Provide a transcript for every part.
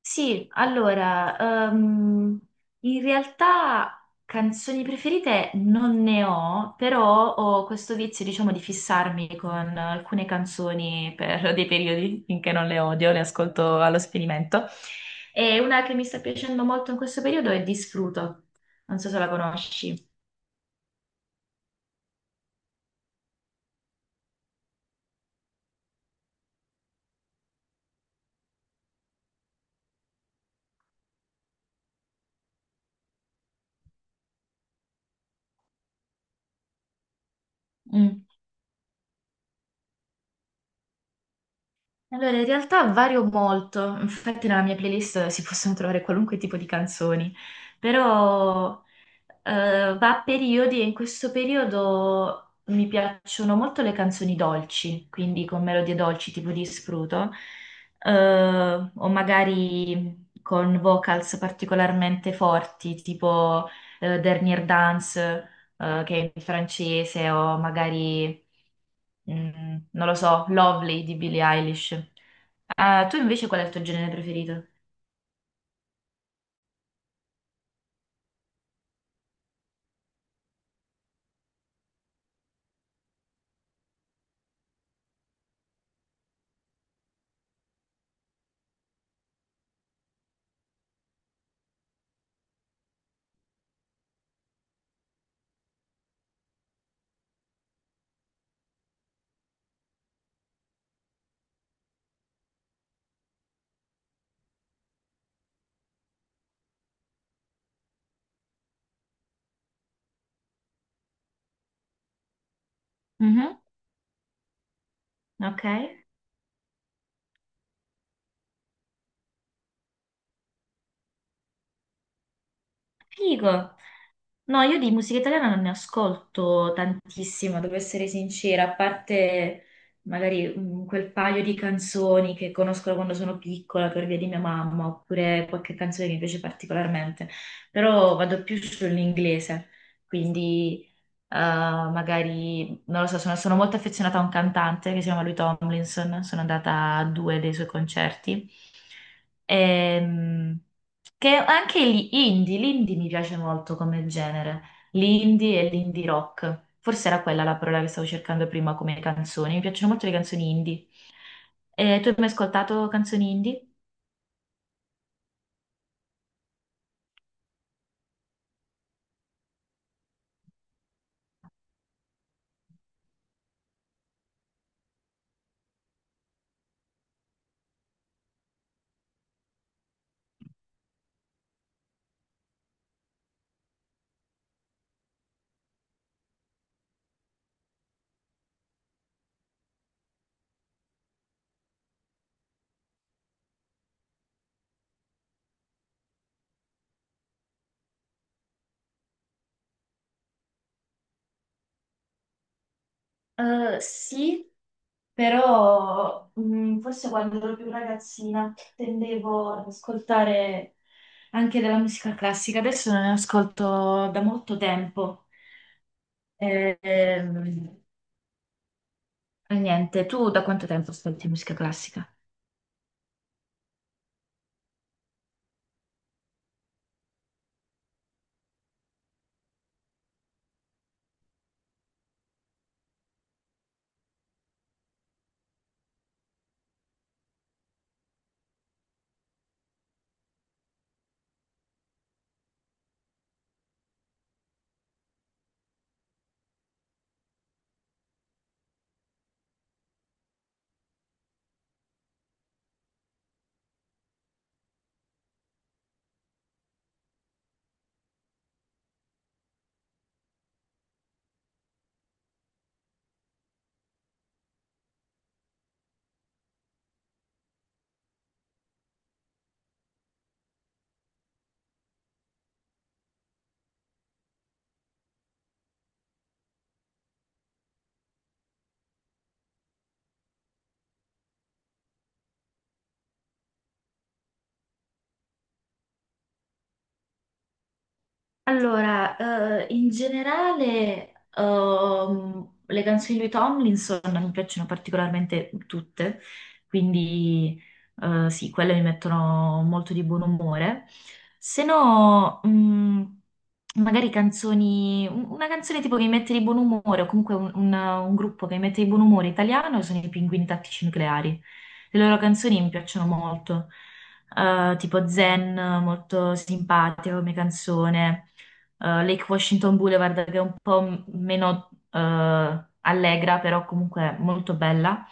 Sì, allora, ehm, in realtà canzoni preferite non ne ho, però ho questo vizio, diciamo, di fissarmi con alcune canzoni per dei periodi finché non le odio, le ascolto allo sperimento. E una che mi sta piacendo molto in questo periodo è Disfruto, non so se la conosci. Mm. Allora, in realtà vario molto, infatti nella mia playlist si possono trovare qualunque tipo di canzoni, però... va a periodi e in questo periodo mi piacciono molto le canzoni dolci, quindi con melodie dolci tipo di Spruto, eh, o magari con vocals particolarmente forti tipo Dernier Dance, che è in francese, o magari, non lo so, Lovely di Billie Eilish. Ah, tu invece qual è il tuo genere preferito? Mhm. Ok. Figo. No, io di musica italiana non ne ascolto tantissima, devo essere sincera, a parte magari quel paio di canzoni che conosco da quando sono piccola per via di mia mamma, oppure qualche canzone che mi piace particolarmente, però vado più sull'inglese, quindi magari, non lo so, sono molto affezionata a un cantante che si chiama lui Tomlinson, sono andata a due dei suoi concerti. Ehm, che anche gli indie, l'indie mi piace molto come genere, l'indie e l'indie rock. Forse era quella la parola che stavo cercando prima come canzoni. Mi piacciono molto le canzoni indie. E tu hai mai ascoltato canzoni indie? Sì, però forse quando ero più ragazzina tendevo ad ascoltare anche della musica classica, adesso non ne ascolto da molto tempo. Eh, ehm, e niente, tu da quanto tempo ascolti musica classica? Allora, in generale, le canzoni di Tomlinson mi piacciono particolarmente tutte, quindi sì, quelle mi mettono molto di buon umore. Se no, magari canzoni, una canzone tipo che mi mette di buon umore, o comunque un, un gruppo che mi mette di buon umore italiano sono i Pinguini Tattici Nucleari. Le loro canzoni mi piacciono molto, tipo Zen, molto simpatica come canzone, Lake Washington Boulevard che è un po' meno allegra, però comunque molto bella.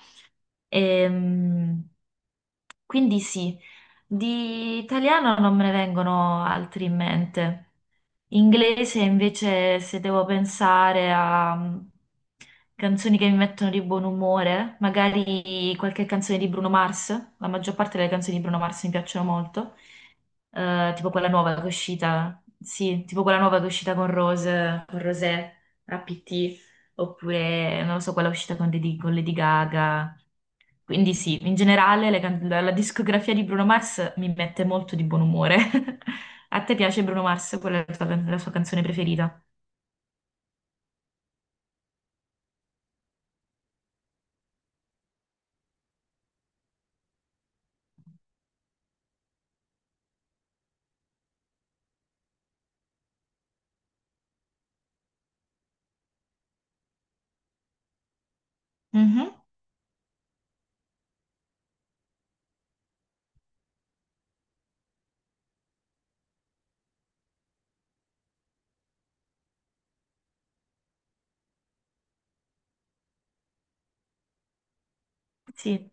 Ehm, quindi sì, di italiano non me ne vengono altri in mente. Inglese invece se devo pensare a canzoni che mi mettono di buon umore, magari qualche canzone di Bruno Mars, la maggior parte delle canzoni di Bruno Mars mi piacciono molto. Tipo quella nuova che è uscita, sì, tipo quella nuova che è uscita con Rose, con Rosé, APT, oppure non lo so, quella uscita con, con Lady Gaga. Quindi sì, in generale la, la discografia di Bruno Mars mi mette molto di buon umore. A te piace Bruno Mars? Qual è la sua canzone preferita? Mhm. Sì,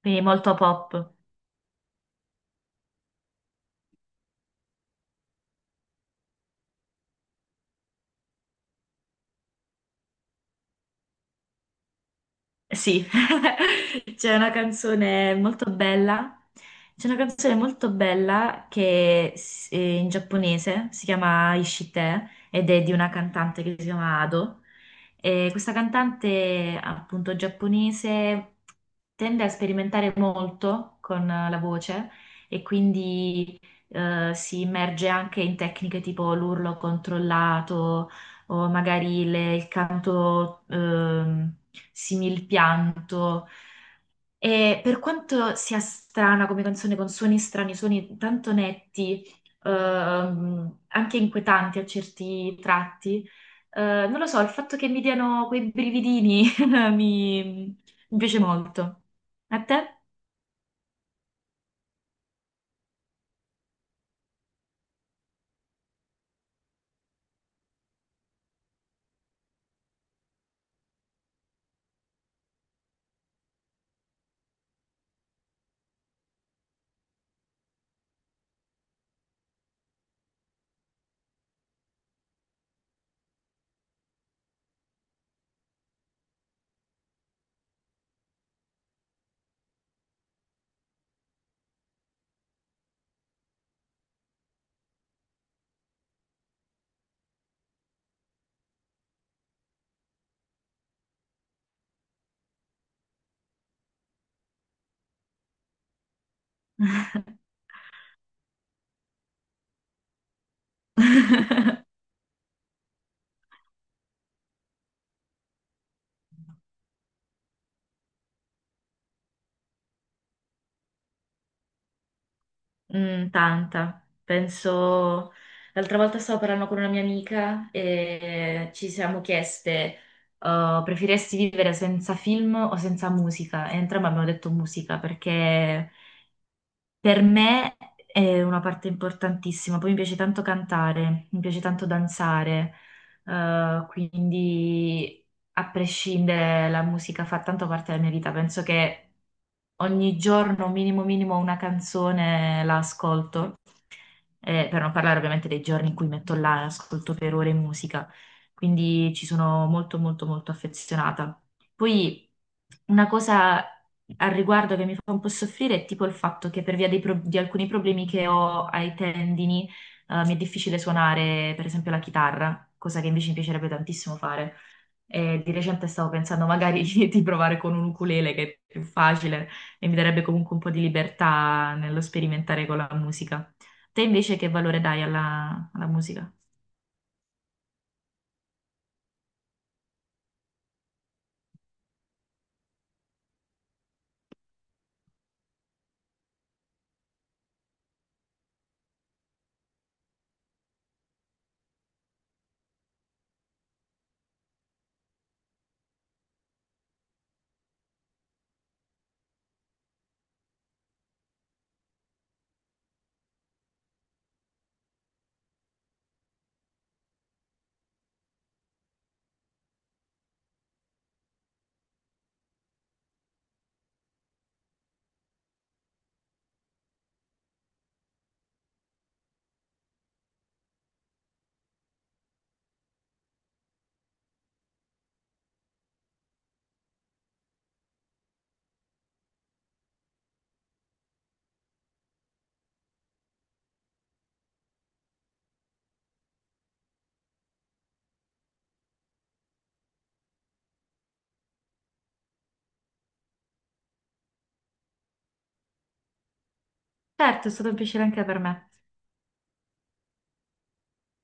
quindi molto pop. Sì, c'è una canzone molto bella, c'è una canzone molto bella è in giapponese, si chiama Ishite ed è di una cantante che si chiama Ado. E questa cantante, appunto, giapponese tende a sperimentare molto con la voce e quindi si immerge anche in tecniche tipo l'urlo controllato o magari il canto simil pianto. E per quanto sia strana come canzone, con suoni strani, suoni tanto netti, anche inquietanti a certi tratti, non lo so, il fatto che mi diano quei brividini mi mi piace molto. A te? Mm, tanta. Penso, l'altra volta stavo parlando con una mia amica e ci siamo chieste, preferiresti vivere senza film o senza musica? E entrambe abbiamo detto musica perché per me è una parte importantissima, poi mi piace tanto cantare, mi piace tanto danzare, quindi a prescindere la musica fa tanto parte della mia vita, penso che ogni giorno minimo minimo una canzone la ascolto, per non parlare ovviamente dei giorni in cui metto là e ascolto per ore musica, quindi ci sono molto molto molto affezionata. Poi una cosa al riguardo che mi fa un po' soffrire è tipo il fatto che per via di alcuni problemi che ho ai tendini, mi è difficile suonare per esempio la chitarra, cosa che invece mi piacerebbe tantissimo fare. E di recente stavo pensando magari di provare con un ukulele che è più facile e mi darebbe comunque un po' di libertà nello sperimentare con la musica. Te invece che valore dai alla musica? Certo, è stato un piacere anche per me.